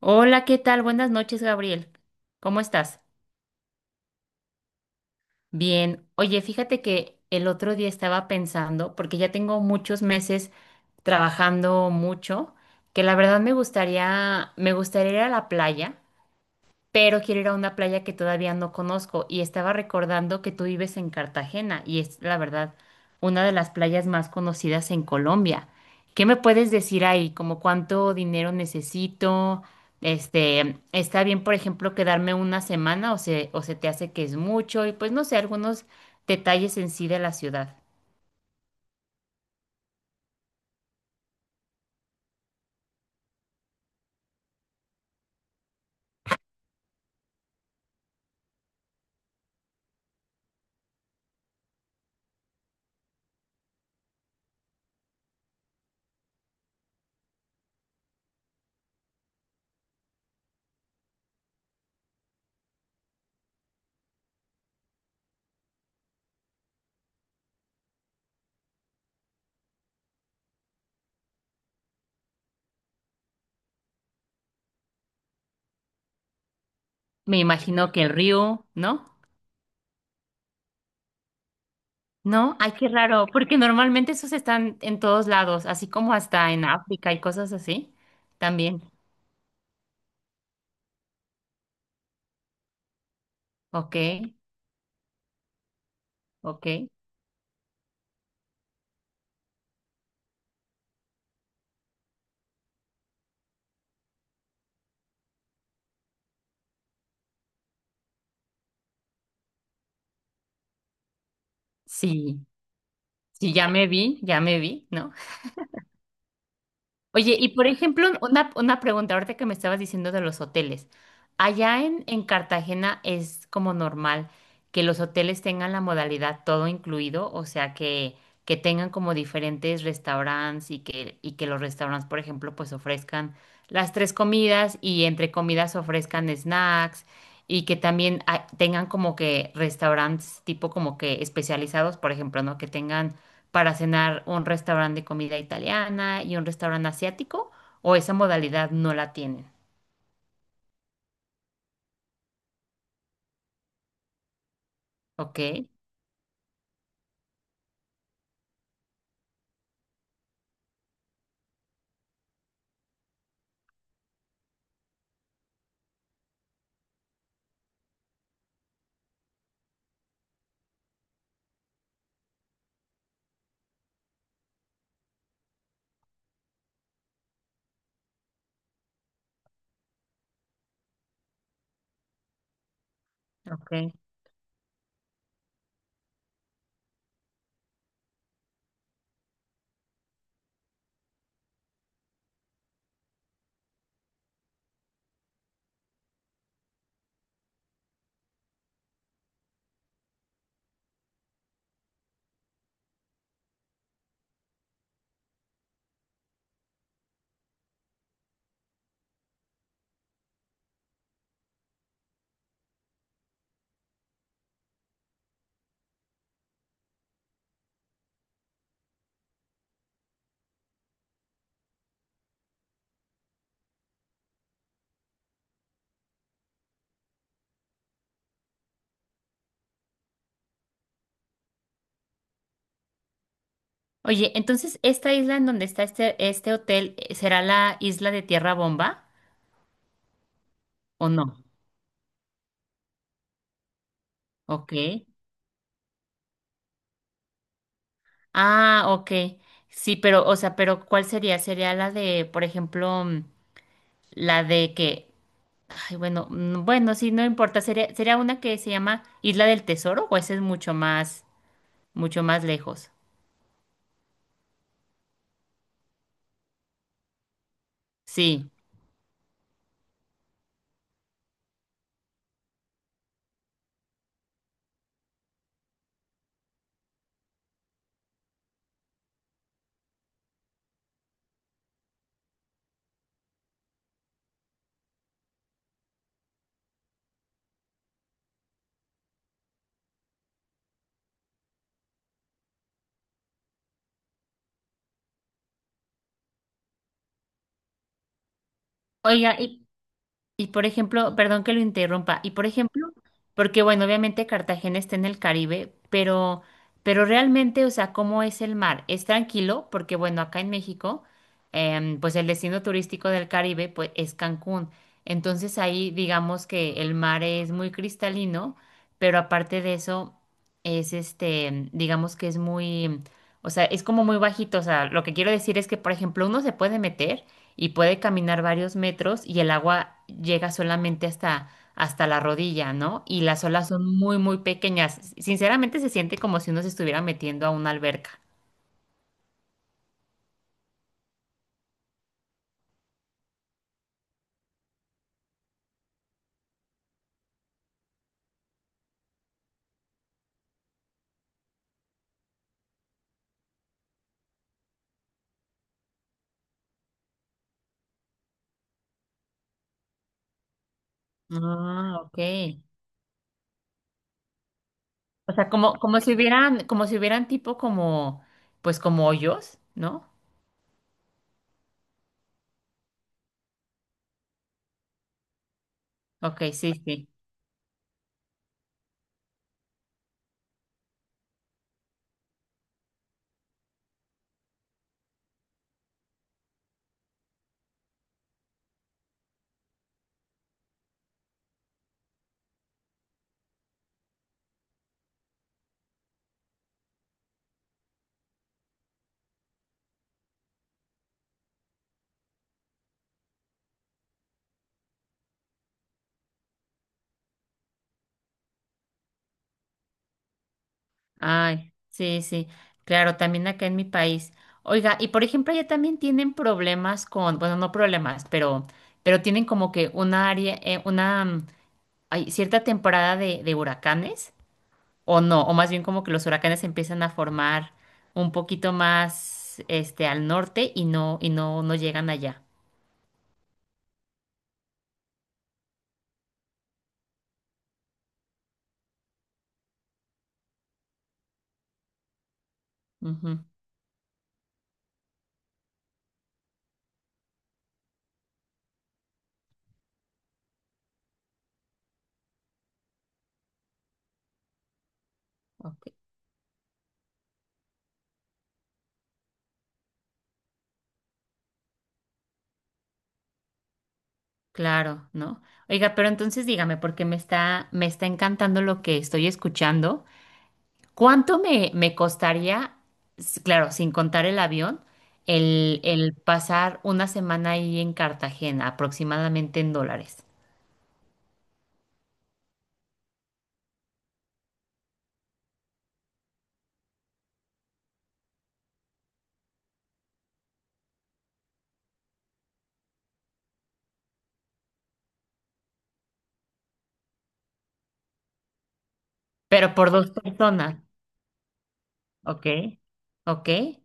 Hola, ¿qué tal? Buenas noches, Gabriel. ¿Cómo estás? Bien. Oye, fíjate que el otro día estaba pensando, porque ya tengo muchos meses trabajando mucho, que la verdad me gustaría ir a la playa, pero quiero ir a una playa que todavía no conozco y estaba recordando que tú vives en Cartagena y es la verdad una de las playas más conocidas en Colombia. ¿Qué me puedes decir ahí? ¿Como cuánto dinero necesito? Este, ¿está bien, por ejemplo, quedarme una semana o se te hace que es mucho? Y pues no sé, algunos detalles en sí de la ciudad. Me imagino que el río, ¿no? ¿No? Ay, qué raro, porque normalmente esos están en todos lados, así como hasta en África y cosas así. También. Ok, ok. Sí, sí, ya me vi, ¿no? Oye, y por ejemplo, una pregunta, ahorita que me estabas diciendo de los hoteles. Allá en Cartagena es como normal que los hoteles tengan la modalidad todo incluido, o sea, que tengan como diferentes restaurantes y que los restaurantes, por ejemplo, pues ofrezcan las tres comidas y entre comidas ofrezcan snacks y que también tengan como que restaurantes tipo como que especializados, por ejemplo, ¿no? Que tengan para cenar un restaurante de comida italiana y un restaurante asiático, o esa modalidad no la tienen. Ok, ok. Oye, entonces, ¿esta isla en donde está este hotel será la isla de Tierra Bomba o no? Ok. Ah, ok. Sí, pero, o sea, pero ¿cuál sería? Sería la de, por ejemplo, la de que, ay, bueno, bueno, sí, no importa. Sería una que se llama Isla del Tesoro, o esa es mucho más lejos. Sí. Oiga, y por ejemplo, perdón que lo interrumpa, y por ejemplo, porque bueno, obviamente Cartagena está en el Caribe, pero realmente, o sea, ¿cómo es el mar? ¿Es tranquilo? Porque bueno, acá en México, pues el destino turístico del Caribe, pues es Cancún. Entonces ahí digamos que el mar es muy cristalino, pero aparte de eso, es este, digamos que es muy, o sea, es como muy bajito. O sea, lo que quiero decir es que, por ejemplo, uno se puede meter y puede caminar varios metros y el agua llega solamente hasta la rodilla, ¿no? Y las olas son muy, muy pequeñas. Sinceramente se siente como si uno se estuviera metiendo a una alberca. Ah, ok. O sea, como, como si hubieran tipo como, pues como hoyos, ¿no? Ok, sí, sí. Ay, sí, sí, claro, también acá en mi país. Oiga, y por ejemplo, allá también tienen problemas con, bueno, no problemas, pero tienen como que una área, una, hay cierta temporada de huracanes, o no, o más bien como que los huracanes empiezan a formar un poquito más, este, al norte y no llegan allá. Ujú, ok. Claro, ¿no? Oiga, pero entonces dígame, porque me está encantando lo que estoy escuchando. ¿Cuánto me costaría, s- claro, sin contar el avión, el pasar una semana ahí en Cartagena, aproximadamente en dólares? Pero por dos personas, ¿ok? ¿Ok?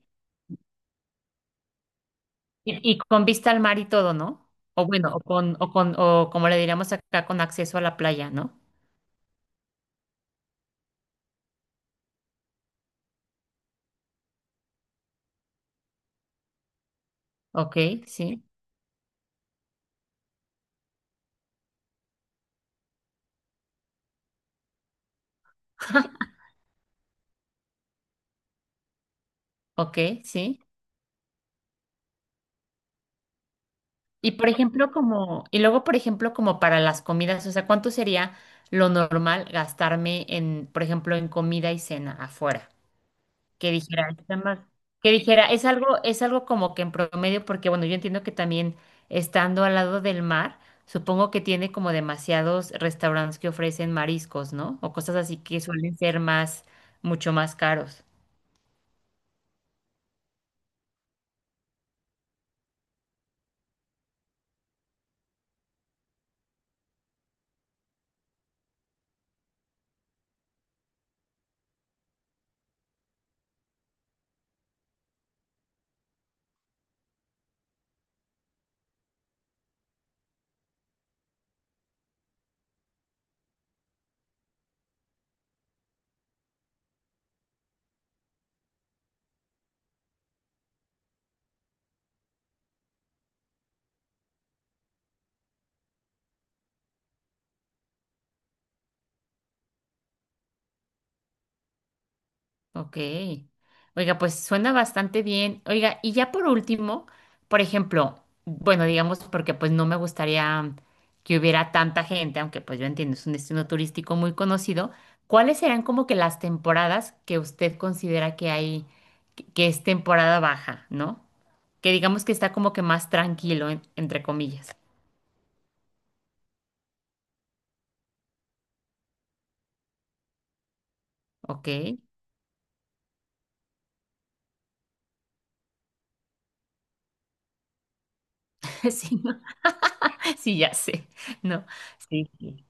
Y con vista al mar y todo, ¿no? O bueno, o como le diríamos acá, con acceso a la playa, ¿no? Ok, sí, ok, sí. Y por ejemplo, como, y luego, por ejemplo, como para las comidas, o sea, ¿cuánto sería lo normal gastarme en, por ejemplo, en comida y cena afuera? Que dijera, está más- que dijera, es algo como que en promedio, porque bueno, yo entiendo que también estando al lado del mar, supongo que tiene como demasiados restaurantes que ofrecen mariscos, ¿no? O cosas así que suelen ser más, mucho más caros. Ok. Oiga, pues suena bastante bien. Oiga, y ya por último, por ejemplo, bueno, digamos porque pues no me gustaría que hubiera tanta gente, aunque pues yo entiendo, es un destino turístico muy conocido. ¿Cuáles serán como que las temporadas que usted considera que hay, que es temporada baja, ¿no? Que digamos que está como que más tranquilo, en- entre comillas. Ok. Sí, ¿no? Sí, ya sé. No, sí, sí.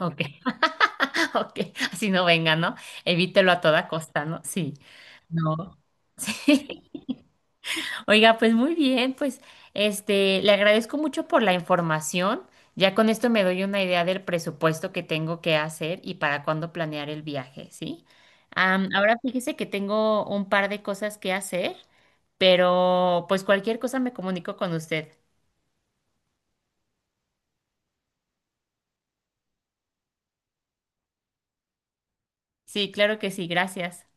Ok. Ok, así no venga, ¿no? Evítelo a toda costa, ¿no? Sí, no. Sí. Oiga, pues muy bien, pues este, le agradezco mucho por la información. Ya con esto me doy una idea del presupuesto que tengo que hacer y para cuándo planear el viaje, ¿sí? Am, ahora fíjese que tengo un par de cosas que hacer, pero pues cualquier cosa me comunico con usted. Sí, claro que sí, gracias.